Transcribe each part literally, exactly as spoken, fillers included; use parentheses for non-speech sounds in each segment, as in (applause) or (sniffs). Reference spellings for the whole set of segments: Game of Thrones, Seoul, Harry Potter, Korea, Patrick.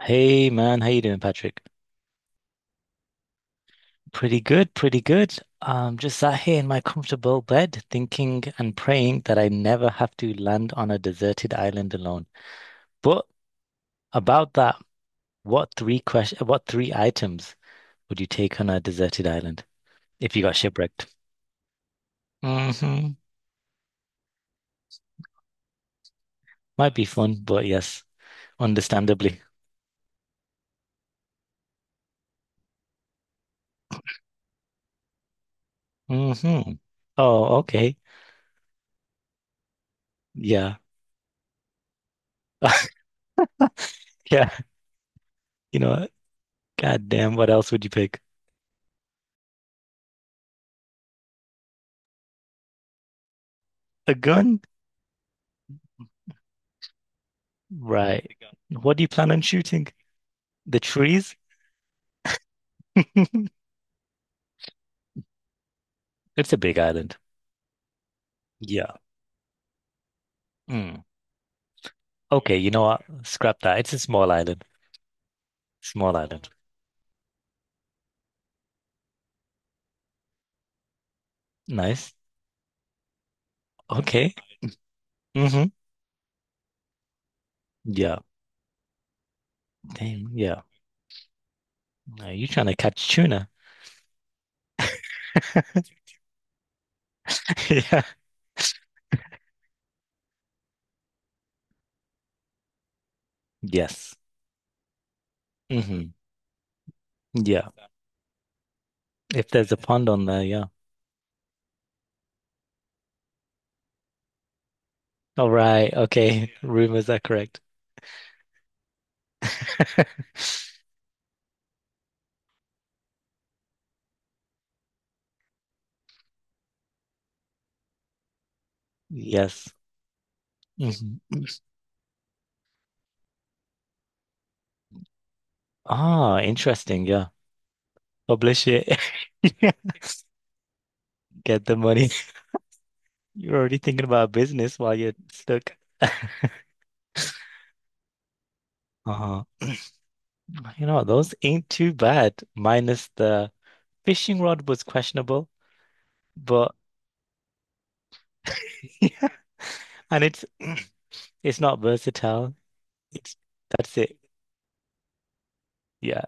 Hey man, how you doing, Patrick? Pretty good, pretty good. Um, just sat here in my comfortable bed, thinking and praying that I never have to land on a deserted island alone. But about that, what three question, what three items would you take on a deserted island if you got shipwrecked? Hmm. Might be fun, but yes, understandably. Hmm. Oh, okay. Yeah. (laughs) Yeah. You know what? God damn, what else would you pick? A gun? Right. What do you plan on shooting? The trees? (laughs) It's a big island. Yeah. Mm. Okay, you know what? Scrap that. It's a small island. Small island. Nice. Okay. Hmm. Yeah. Damn, yeah. Are you trying to catch tuna? (laughs) Yeah. Yes. Hmm. Yeah. If there's a pond on there, yeah. All right. Okay. (laughs) Rumors are correct. (laughs) Yes. Mhm. Ah, interesting. Yeah. Publish it. (laughs) Yeah. Get the money. You're already thinking about business while you're stuck. (laughs) Uh-huh. You know, those ain't too bad, minus the fishing rod was questionable, but (laughs) yeah. And it's (clears throat) it's not versatile. It's That's it. Yeah.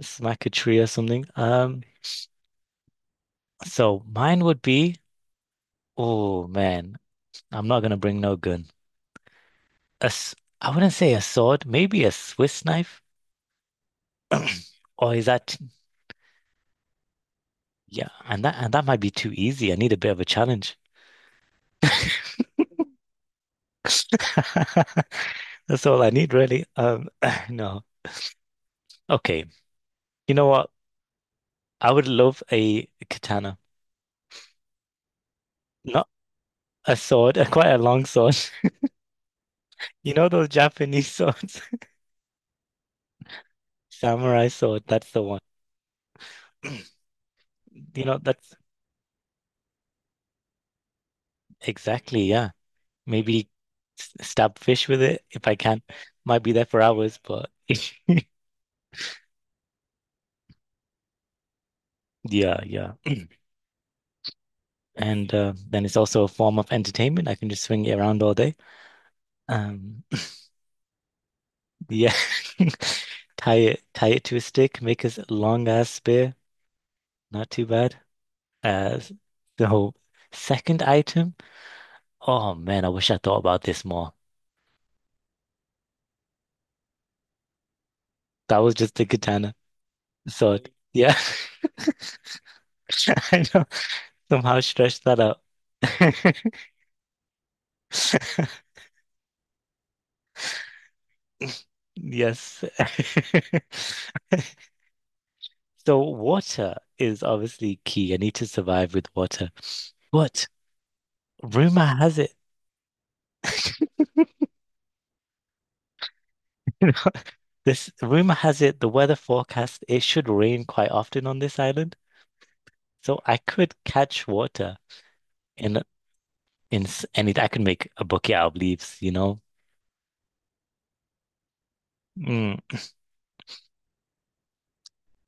Smack a tree or something. Um, so mine would be, oh man, I'm not gonna bring no gun. A s I wouldn't say a sword, maybe a Swiss knife. (clears throat) Or is that, yeah, and that and that might be too easy. I need a bit of a challenge. (laughs) That's all I need, really. Um, (laughs) (clears throat) no. Okay. You know what? I would love a katana. Not a sword, (laughs) a quite a long sword. (laughs) You know those Japanese swords? (laughs) Samurai sword, that's the one. (clears throat) You know, that's exactly, yeah. Maybe s- stab fish with it if I can. Might be there for hours, but (laughs) yeah, yeah. And uh, then it's also a form of entertainment. I can just swing it around all day. Um, Yeah. (laughs) Tie it, tie it to a stick, make a s- long ass spear. Not too bad. Uh, so second item. Oh man, I wish I thought about this more. That was just a katana. So yeah, (laughs) I know. Somehow stretched that out. (laughs) Yes. (laughs) So water is obviously key. I need to survive with water. But rumor has it. (laughs) This rumor has it the weather forecast it should rain quite often on this island, so I could catch water in in s- and it, I could make a bouquet out of leaves, you know. Mm.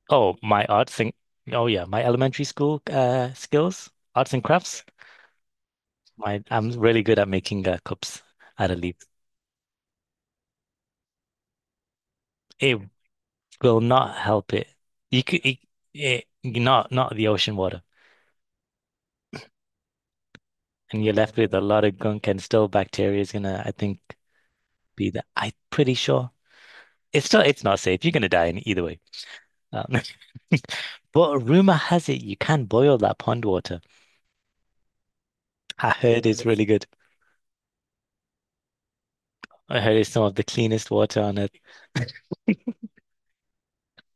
Oh, my arts and Oh yeah, my elementary school uh skills, arts and crafts. My I'm really good at making uh, cups out of leaves. It will not help it. You could it, it not not the ocean water, and you're left with a lot of gunk and still bacteria is gonna I think be there. I'm pretty sure. It's still it's not safe. You're gonna die in either way. Um, (laughs) but rumor has it you can boil that pond water. I heard it's really good. I heard it's some of the cleanest water on earth.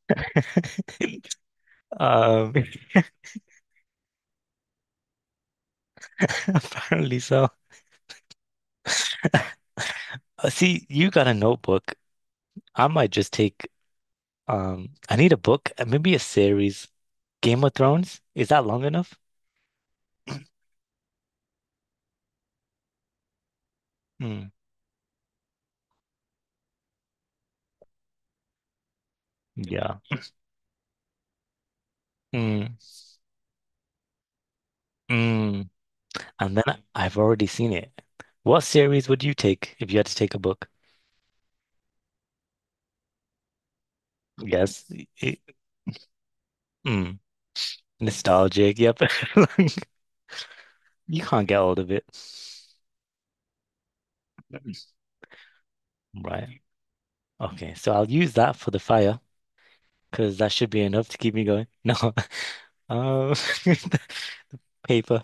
(laughs) Um, (laughs) apparently so. Uh, See, you got a notebook. I might just take, um I need a book, uh, maybe a series. Game of Thrones? Is that long enough? Mm, yeah. Mm, mm. And then I- I've already seen it. What series would you take if you had to take a book? Yes. It, hmm. Nostalgic, yep. (laughs) You can't get hold of it. Right. Okay, so I'll use that for the fire because that should be enough to keep me going. No. (laughs) Um, (laughs) paper.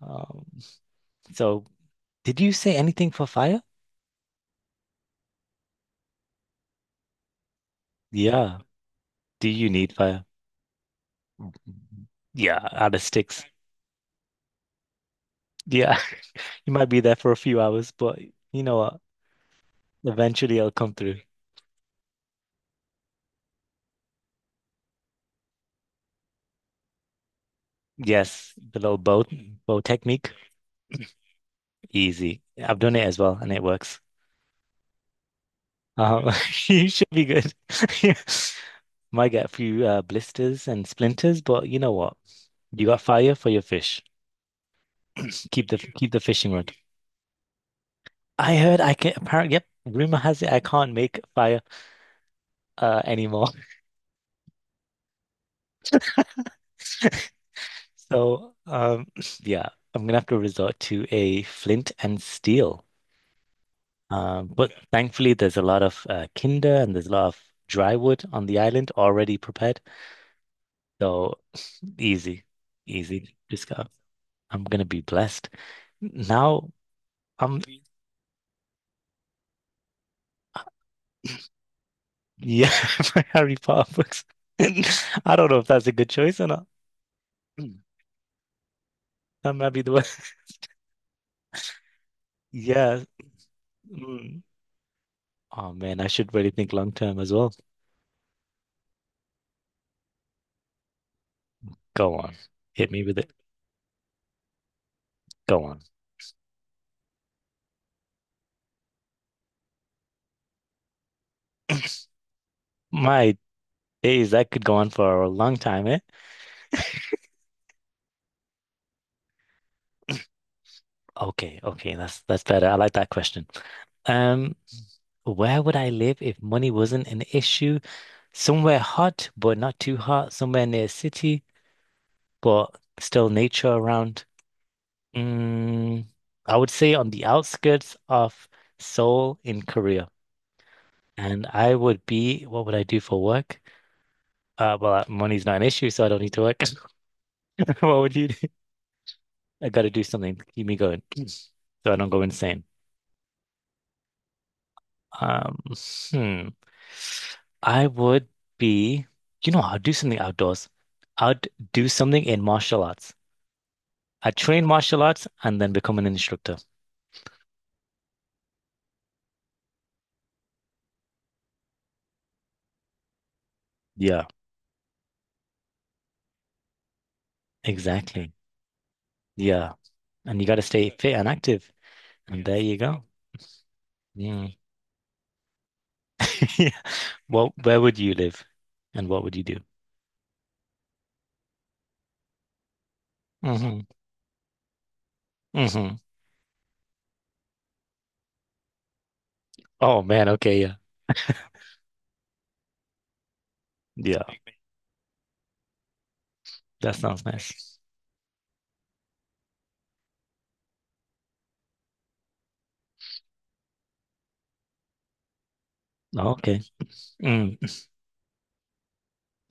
Um, so did you say anything for fire? Yeah. Do you need fire? Yeah, out of sticks. Yeah. (laughs) You might be there for a few hours, but you know what? Eventually it'll come through. Yes, the little bow bow technique. Easy. I've done it as well and it works. Um, (laughs) you should be good. (laughs) Yeah. Might get a few uh, blisters and splinters, but you know what? You got fire for your fish. Keep the keep the fishing rod. I heard I can apparently, yep, rumor has it I can't make fire uh anymore. (laughs) So um (sniffs) yeah, I'm gonna have to resort to a flint and steel. Um, but thankfully there's a lot of uh, tinder and there's a lot of dry wood on the island already prepared. So easy, easy. Just go. I'm gonna be blessed. Now I'm yeah, (laughs) my Harry Potter books. (laughs) I don't know if that's a good choice or not. (clears throat) Mm. That might be the way. (laughs) Yeah. Mm. Oh man, I should really think long term as well. Go on. Hit me with it. Go on. My days, that could go on for a long time, eh? Okay, okay, that's that's better. I like that question. Um, where would I live if money wasn't an issue? Somewhere hot, but not too hot, somewhere near a city, but still nature around. Mm, I would say on the outskirts of Seoul in Korea. And I would be, what would I do for work? Uh, well, uh, money's not an issue, so I don't need to work. (laughs) What would you do? I gotta do something to keep me going (clears throat) so I don't go insane. Um, hmm. I would be, you know, I'd do something outdoors. I'd do something in martial arts. I train martial arts and then become an instructor. Yeah, exactly. Yeah, and you got to stay fit and active. And there you go. Yeah. (laughs) Yeah. Well, where would you live and what would you do? Hmm. Hmm. Oh man, okay, yeah. Yeah, that sounds nice. Oh, okay. Mm,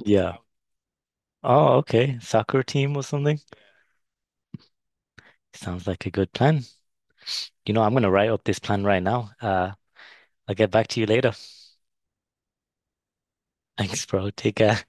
yeah. Oh, okay. Soccer team or something? Sounds like a good plan. You know, I'm gonna write up this plan right now. Uh, I'll get back to you later. (laughs) Thanks, bro. Take care.